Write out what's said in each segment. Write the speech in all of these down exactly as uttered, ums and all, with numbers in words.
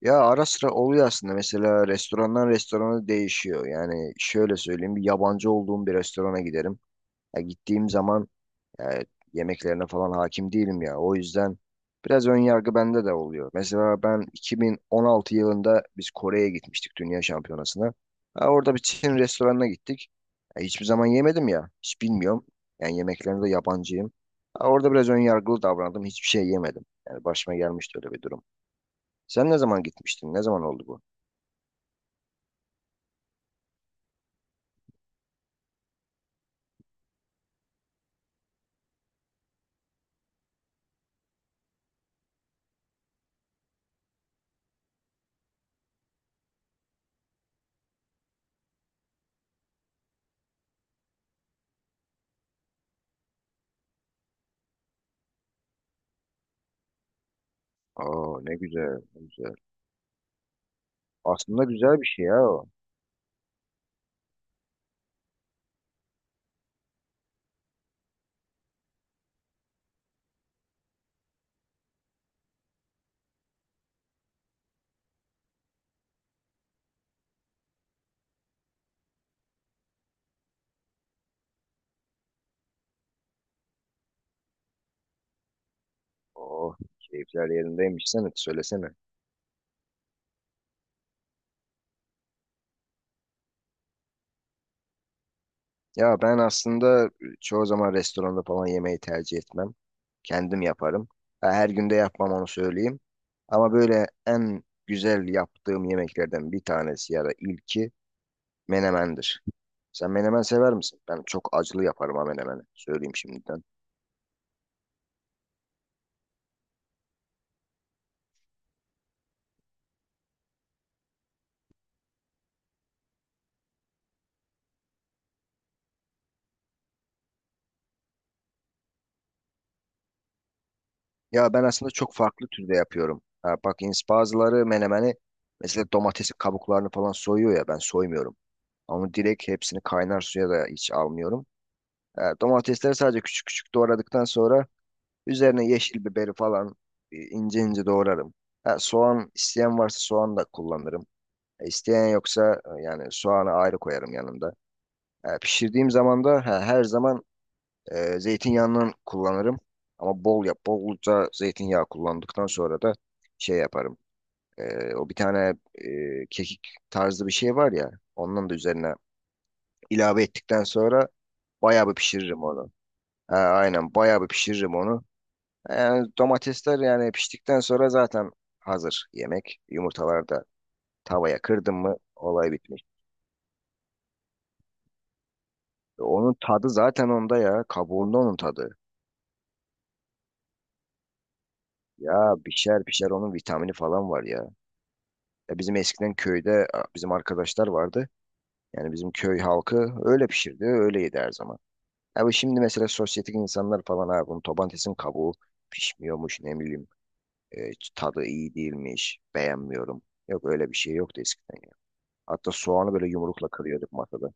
Ya ara sıra oluyor aslında, mesela restorandan restorana değişiyor. Yani şöyle söyleyeyim, bir yabancı olduğum bir restorana giderim. Ya gittiğim zaman e, yemeklerine falan hakim değilim ya. O yüzden biraz ön yargı bende de oluyor. Mesela ben iki bin on altı yılında biz Kore'ye gitmiştik Dünya Şampiyonası'na. Ha, orada bir Çin restoranına gittik. Ya hiçbir zaman yemedim ya. Hiç bilmiyorum. Yani yemeklerine de yabancıyım. Ha, orada biraz ön yargılı davrandım. Hiçbir şey yemedim. Yani başıma gelmişti öyle bir durum. Sen ne zaman gitmiştin? Ne zaman oldu bu? Aa, ne güzel, ne güzel. Aslında güzel bir şey ya o. Oh, keyifler yerindeymiş. Sen et söylesene. Ya ben aslında e, çoğu zaman restoranda falan yemeği tercih etmem. Kendim yaparım. Ha, her günde yapmam, onu söyleyeyim. Ama böyle en güzel yaptığım yemeklerden bir tanesi ya da ilki menemendir. Sen menemen sever misin? Ben çok acılı yaparım ha menemeni. Söyleyeyim şimdiden. Ya ben aslında çok farklı türde yapıyorum. Ha, bak ins bazıları menemeni mesela domatesi, kabuklarını falan soyuyor ya, ben soymuyorum. Ama direkt hepsini kaynar suya da hiç almıyorum. Ha, domatesleri sadece küçük küçük doğradıktan sonra üzerine yeşil biberi falan e, ince ince doğrarım. Ha, soğan isteyen varsa soğan da kullanırım. E, isteyen yoksa e, yani soğanı ayrı koyarım yanında. Ha, pişirdiğim zaman da ha, her zaman e, zeytinyağından kullanırım. Ama bol yap, bolca zeytinyağı kullandıktan sonra da şey yaparım. E, o bir tane e, kekik tarzı bir şey var ya. Ondan da üzerine ilave ettikten sonra bayağı bir pişiririm onu. Ha, aynen bayağı bir pişiririm onu. Yani domatesler yani piştikten sonra zaten hazır yemek. Yumurtalar da tavaya kırdım mı olay bitmiş. E, onun tadı zaten onda ya. Kabuğunda onun tadı. Ya pişer pişer, onun vitamini falan var ya. Ya bizim eskiden köyde a, bizim arkadaşlar vardı. Yani bizim köy halkı öyle pişirdi, öyle yedi her zaman. Abi şimdi mesela sosyetik insanlar falan, abi bunun tobantesin kabuğu pişmiyormuş, ne bileyim, e, tadı iyi değilmiş, beğenmiyorum. Yok öyle bir şey yoktu eskiden ya. Hatta soğanı böyle yumrukla kırıyorduk masada.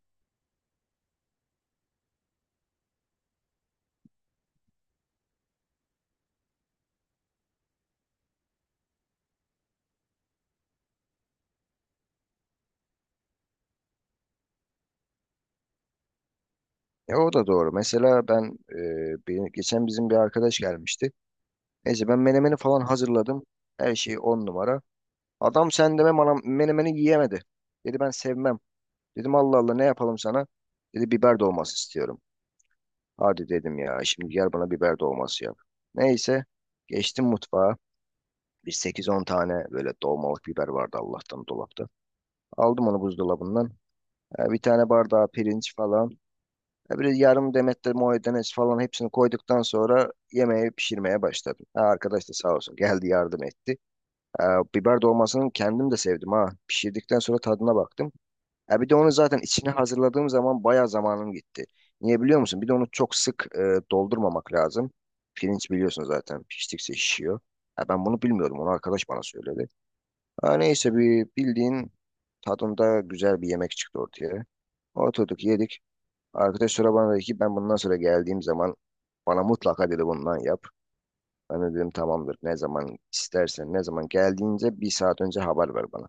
Ya o da doğru. Mesela ben e, benim, geçen bizim bir arkadaş gelmişti. Neyse, ben menemeni falan hazırladım. Her şey on numara. Adam sen deme, bana menemeni yiyemedi. Dedi ben sevmem. Dedim Allah Allah, ne yapalım sana? Dedi biber dolması istiyorum. Hadi dedim ya, şimdi gel bana biber dolması yap. Neyse, geçtim mutfağa. Bir sekiz on tane böyle dolmalık biber vardı Allah'tan dolapta. Aldım onu buzdolabından. E, bir tane bardağı pirinç falan. E, bir yarım demet de maydanoz falan, hepsini koyduktan sonra yemeği pişirmeye başladım. Ha, arkadaş da sağ olsun geldi yardım etti. E, Biber dolmasını kendim de sevdim ha. Pişirdikten sonra tadına baktım. Ya bir de onu zaten içine hazırladığım zaman bayağı zamanım gitti. Niye biliyor musun? Bir de onu çok sık e, doldurmamak lazım. Pirinç biliyorsun zaten piştikçe şişiyor. Ya ben bunu bilmiyordum. Onu arkadaş bana söyledi. Ha neyse, bir bildiğin tadında güzel bir yemek çıktı ortaya. Oturduk yedik. Arkadaş sonra bana dedi ki ben bundan sonra geldiğim zaman bana mutlaka dedi bundan yap. Ben de dedim tamamdır. Ne zaman istersen, ne zaman geldiğince bir saat önce haber ver bana.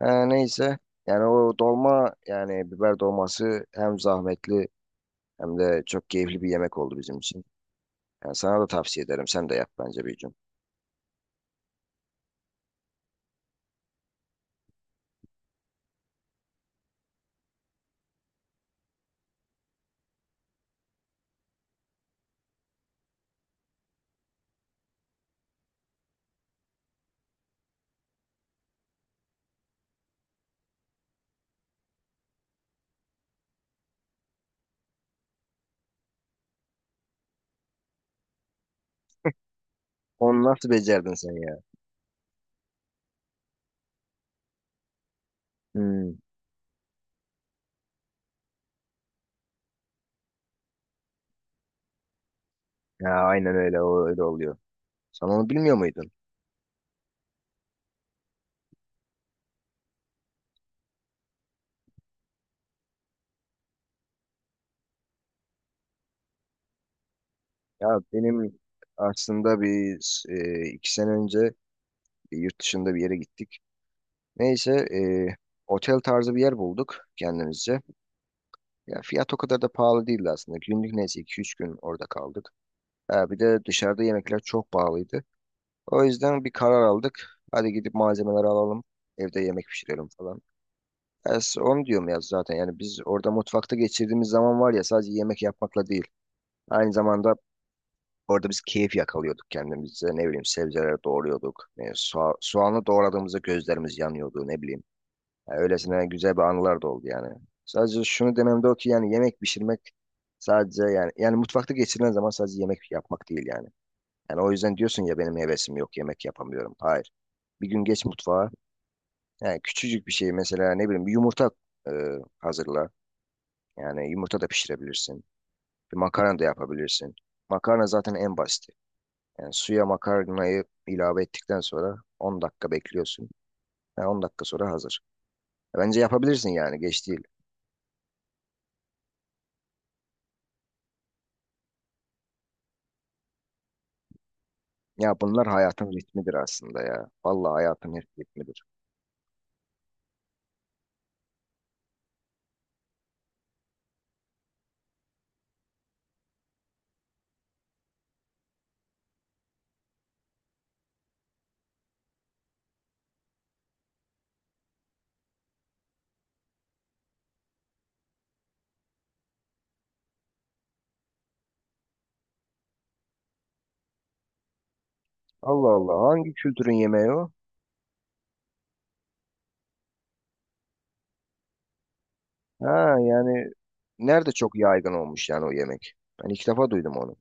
Ha, neyse. Yani o dolma, yani biber dolması hem zahmetli hem de çok keyifli bir yemek oldu bizim için. Yani sana da tavsiye ederim. Sen de yap bence bir gün. Onu nasıl becerdin sen ya? Hmm. Ya aynen öyle, o öyle oluyor. Sen onu bilmiyor muydun? Ya benim aslında bir e, iki sene önce bir yurt dışında bir yere gittik. Neyse, e, otel tarzı bir yer bulduk kendimizce. Ya fiyat o kadar da pahalı değildi aslında. Günlük neyse, iki üç gün orada kaldık. Ha, bir de dışarıda yemekler çok pahalıydı. O yüzden bir karar aldık. Hadi gidip malzemeleri alalım. Evde yemek pişirelim falan. Es s- onu diyorum ya zaten. Yani biz orada mutfakta geçirdiğimiz zaman var ya, sadece yemek yapmakla değil. Aynı zamanda orada biz keyif yakalıyorduk kendimize. Ne bileyim, sebzeleri doğruyorduk. E, soğa- soğanı doğradığımızda gözlerimiz yanıyordu, ne bileyim. Ya, öylesine güzel bir anılar da oldu yani. Sadece şunu demem de o ki yani yemek pişirmek sadece yani yani mutfakta geçirilen zaman sadece yemek yapmak değil yani. Yani o yüzden diyorsun ya benim hevesim yok, yemek yapamıyorum. Hayır. Bir gün geç mutfağa. Yani küçücük bir şey, mesela ne bileyim bir yumurta e, hazırla. Yani yumurta da pişirebilirsin. Bir makarna da yapabilirsin. Makarna zaten en basiti. Yani suya makarnayı ilave ettikten sonra on dakika bekliyorsun. Yani on dakika sonra hazır. E, bence yapabilirsin, yani geç değil. Ya bunlar hayatın ritmidir aslında ya. Vallahi hayatın ritmidir. Allah Allah, hangi kültürün yemeği o? Ha yani nerede çok yaygın olmuş yani o yemek? Ben ilk defa duydum onu.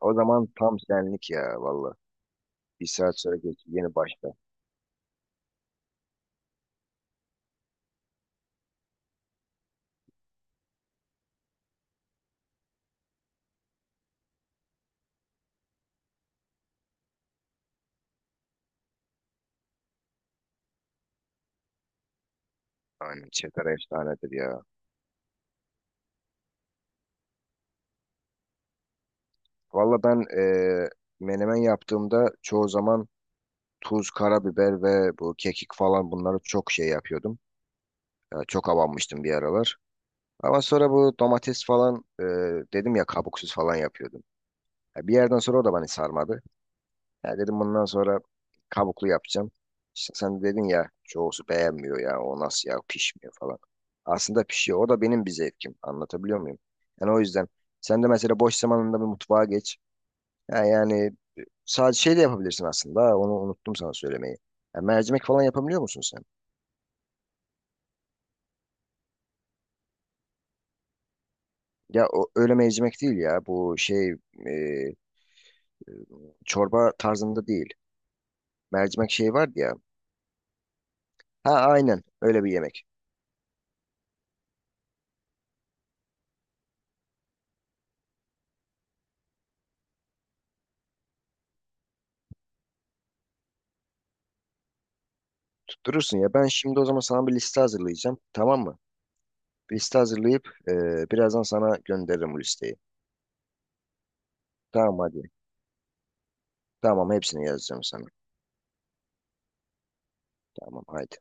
O zaman tam senlik ya valla. Bir saat sonra geç, yeni başla. Aynen çeter efsanedir ya. Valla ben eee menemen yaptığımda çoğu zaman tuz, karabiber ve bu kekik falan, bunları çok şey yapıyordum. Ya çok avanmıştım bir aralar. Ama sonra bu domates falan, eee, dedim ya kabuksuz falan yapıyordum. Ya bir yerden sonra o da beni sarmadı. Ya dedim bundan sonra kabuklu yapacağım. İşte sen dedin ya çoğusu beğenmiyor ya, o nasıl ya, pişmiyor falan. Aslında pişiyor. O da benim bir zevkim. Anlatabiliyor muyum? Yani o yüzden sen de mesela boş zamanında bir mutfağa geç. Ha, yani sadece şey de yapabilirsin aslında. Ha, onu unuttum sana söylemeyi. Ya mercimek falan yapabiliyor musun sen? Ya o, öyle mercimek değil ya. Bu şey e, çorba tarzında değil. Mercimek şey vardı ya. Ha aynen öyle bir yemek. Tutturursun ya. Ben şimdi o zaman sana bir liste hazırlayacağım. Tamam mı? Bir liste hazırlayıp e, birazdan sana gönderirim bu listeyi. Tamam hadi. Tamam hepsini yazacağım sana. Tamam haydi.